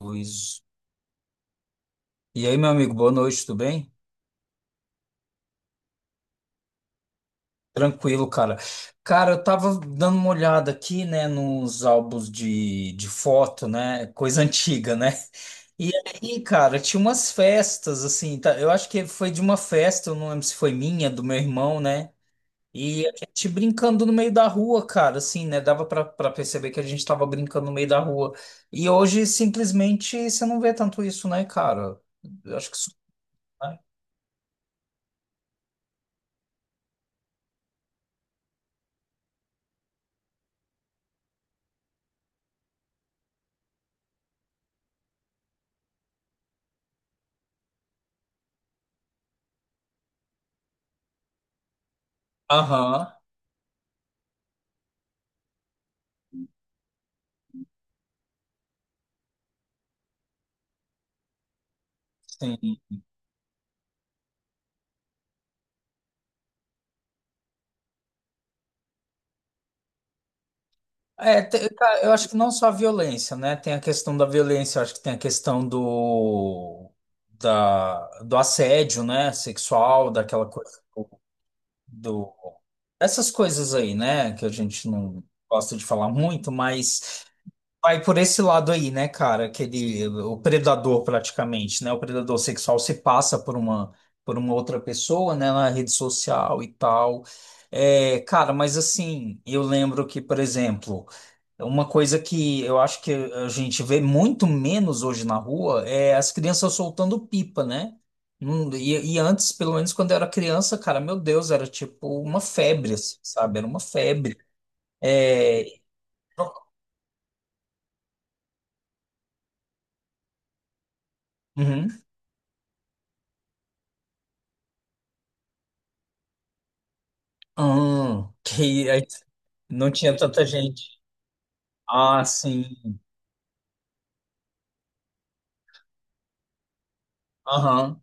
Luiz. E aí, meu amigo, boa noite, tudo bem? Tranquilo, cara. Cara, eu tava dando uma olhada aqui, né, nos álbuns de foto, né? Coisa antiga, né? E aí, cara, tinha umas festas, assim, tá? Eu acho que foi de uma festa, eu não lembro se foi minha, do meu irmão, né? E a gente brincando no meio da rua, cara, assim, né? Dava pra perceber que a gente tava brincando no meio da rua. E hoje, simplesmente, você não vê tanto isso, né, cara? Eu acho que isso. Né? Aham, sim. É, cara, eu acho que não só a violência, né? Tem a questão da violência, eu acho que tem a questão da, do assédio, né? Sexual, daquela coisa do. Essas coisas aí, né? Que a gente não gosta de falar muito, mas vai por esse lado aí, né, cara? Aquele, o predador praticamente, né? O predador sexual se passa por uma outra pessoa, né, na rede social e tal. É, cara, mas assim, eu lembro que, por exemplo, uma coisa que eu acho que a gente vê muito menos hoje na rua é as crianças soltando pipa, né? E antes, pelo menos quando eu era criança, cara, meu Deus, era tipo uma febre, assim, sabe? Era uma febre. É, uhum. Que aí não tinha tanta gente. Ah, sim. Aham.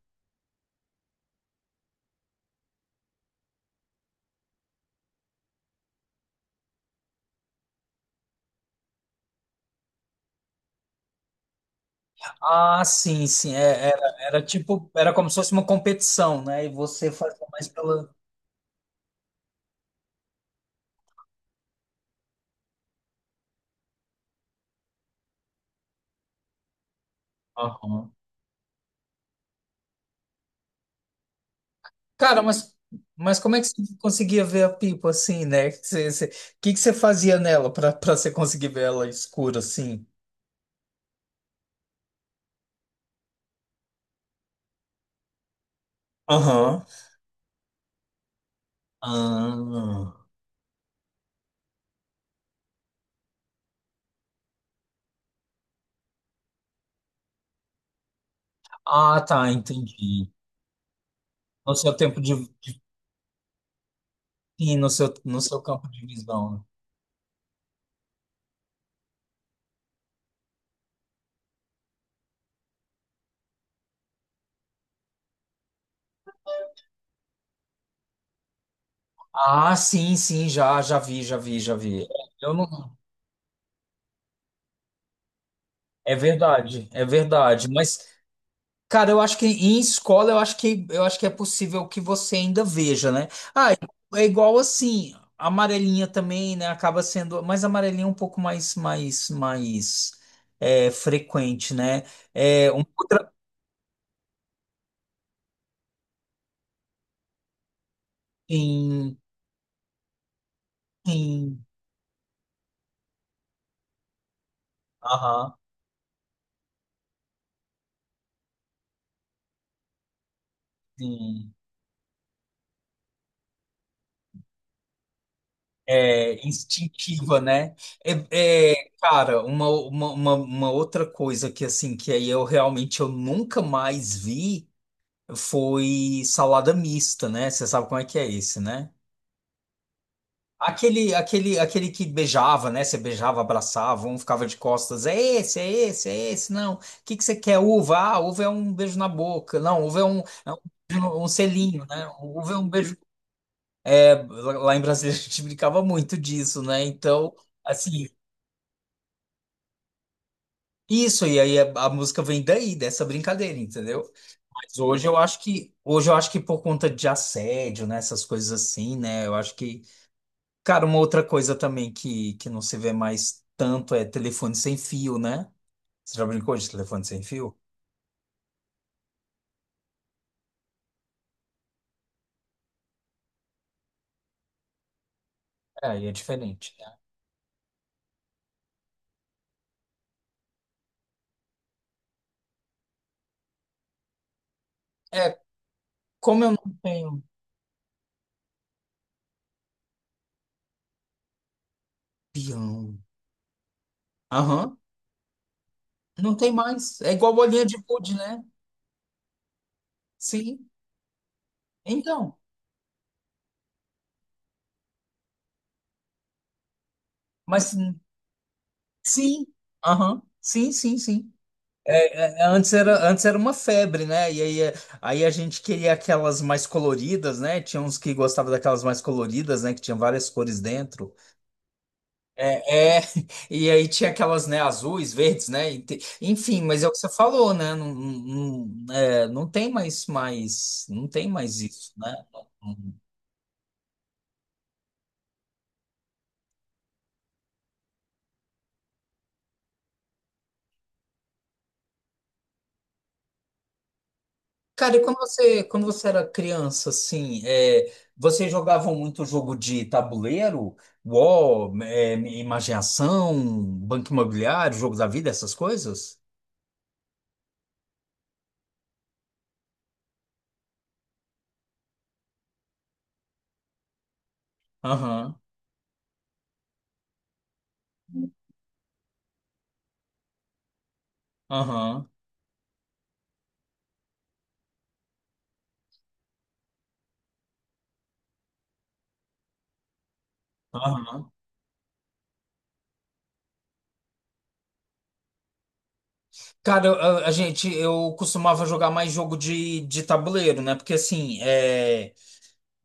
Ah, sim, sim. É, era, era tipo, era como se fosse uma competição, né? E você fazia mais pela. Aham. Cara, mas como é que você conseguia ver a pipa assim, né? Você, você, que você fazia nela para você conseguir ver ela escura assim? Aham. Ah, ah, tá, entendi. No seu tempo de, sim, no seu, no seu campo de visão, né? Ah, sim, sim, já, já vi, já vi, já vi. É, eu não... É verdade, é verdade. Mas, cara, eu acho que em escola eu acho que é possível que você ainda veja, né? Ah, é igual assim, a amarelinha também, né? Acaba sendo, mas a amarelinha é um pouco mais, mais, mais é, frequente, né? É um outra. Sim, sim. Aham, sim. É, instintiva, né? É, é, cara, uma outra coisa que assim, que aí eu realmente eu nunca mais vi foi salada mista, né? Você sabe como é que é esse, né? Aquele, aquele, aquele que beijava, né? Você beijava, abraçava, um ficava de costas. É esse, é esse, é esse. Não. O que que você quer? Uva? Ah, uva é um beijo na boca. Não, uva é é um selinho, né? Uva é um beijo. É, lá em Brasília a gente brincava muito disso, né? Então, assim, isso, e aí a música vem daí, dessa brincadeira, entendeu? Mas hoje eu acho que, hoje eu acho que por conta de assédio, né, essas coisas assim, né, eu acho que, cara, uma outra coisa também que não se vê mais tanto é telefone sem fio, né? Você já brincou de telefone sem fio? É, aí é diferente. Né? É, como eu não tenho peão, aham, não tem mais. É igual bolinha de gude, né? Sim, então, mas sim, aham, sim, sim, sim. É, é, é, antes era, antes era uma febre, né? E aí, é, aí a gente queria aquelas mais coloridas, né? Tinha uns que gostavam daquelas mais coloridas, né? Que tinha várias cores dentro. É, é, e aí tinha aquelas, né? Azuis, verdes, né? Enfim, mas é o que você falou, né? Não, não, não é, não tem mais, mais, não tem mais isso, né? Cara, e quando você era criança, assim, é, vocês jogavam muito jogo de tabuleiro? UOL, é, Imaginação, Banco Imobiliário, Jogo da Vida, essas coisas? Aham, aham, aham. Cara, a gente, eu costumava jogar mais jogo de tabuleiro, né? Porque, assim, é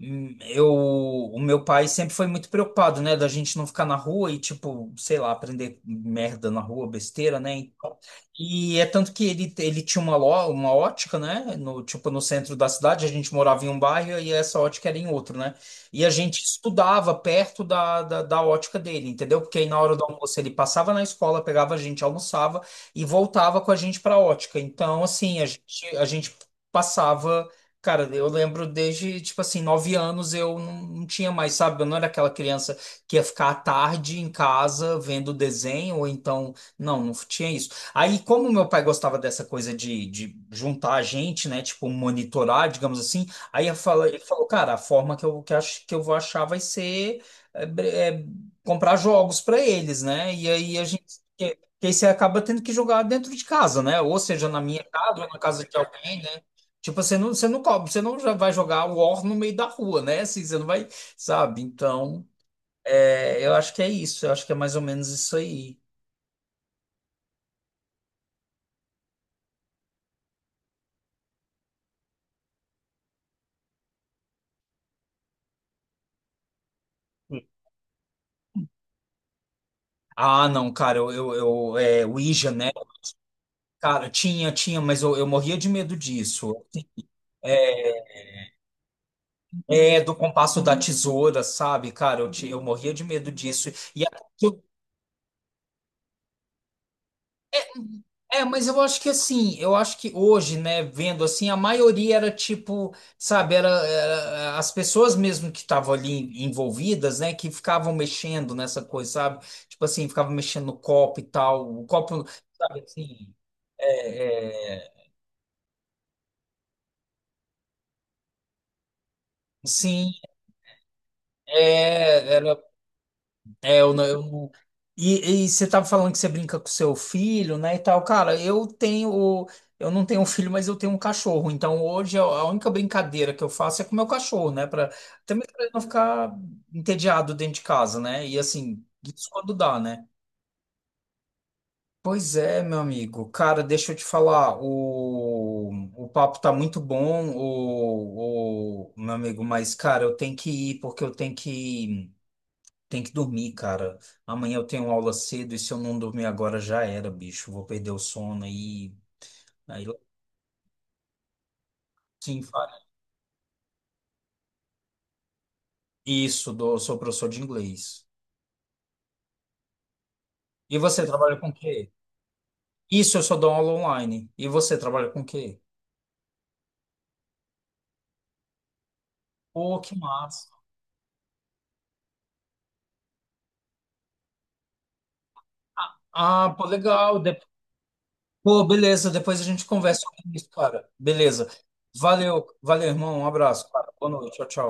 hum, eu, o meu pai sempre foi muito preocupado, né, da gente não ficar na rua e, tipo, sei lá, aprender merda na rua, besteira, né? Então, e é tanto que ele tinha uma, uma ótica, né? No, tipo, no centro da cidade, a gente morava em um bairro e essa ótica era em outro, né? E a gente estudava perto da, da, da ótica dele, entendeu? Porque aí na hora do almoço ele passava na escola, pegava a gente, almoçava e voltava com a gente para a ótica. Então, assim, a gente passava. Cara, eu lembro desde, tipo assim, 9 anos eu não, não tinha mais, sabe? Eu não era aquela criança que ia ficar à tarde em casa vendo desenho, ou então. Não, não tinha isso. Aí, como meu pai gostava dessa coisa de juntar a gente, né? Tipo, monitorar, digamos assim. Aí eu ele falou, cara, a forma que eu, que acho, que eu vou achar vai ser é, comprar jogos para eles, né? E aí a gente. que- Aí você acaba tendo que jogar dentro de casa, né? Ou seja, na minha casa, ou na casa de alguém, né? Tipo, você não cobra, você não já vai jogar War no meio da rua, né? Assim, você não vai, sabe? Então, é, eu acho que é isso, eu acho que é mais ou menos isso aí. Ah, não, cara, eu é, Ouija, né? Cara, tinha, tinha, mas eu morria de medo disso. É, do compasso da tesoura, sabe? Cara, eu, eu morria de medo disso. E a- É, mas eu acho que assim, eu acho que hoje, né, vendo assim, a maioria era tipo, sabe, era, era as pessoas mesmo que estavam ali envolvidas, né, que ficavam mexendo nessa coisa, sabe? Tipo assim, ficavam mexendo no copo e tal, o copo, sabe assim, é, é, sim, é, é, eu, eu, e você tava falando que você brinca com seu filho, né, e tal. Cara, eu tenho, eu não tenho um filho, mas eu tenho um cachorro. Então hoje a única brincadeira que eu faço é com o meu cachorro, né, para também para ele não ficar entediado dentro de casa, né? E assim, isso quando dá, né? Pois é, meu amigo. Cara, deixa eu te falar, o papo tá muito bom, o meu amigo, mas cara, eu tenho que ir porque eu tenho que tem que dormir, cara. Amanhã eu tenho aula cedo e se eu não dormir agora já era, bicho. Vou perder o sono aí. Aí, sim, fala. Isso, dou, sou professor de inglês. E você trabalha com o quê? Isso, eu só dou aula online. E você trabalha com o quê? Pô, que massa. Ah, pô, legal. De- Pô, beleza. Depois a gente conversa sobre isso, cara. Beleza. Valeu, valeu, irmão. Um abraço, cara. Boa noite. Tchau, tchau.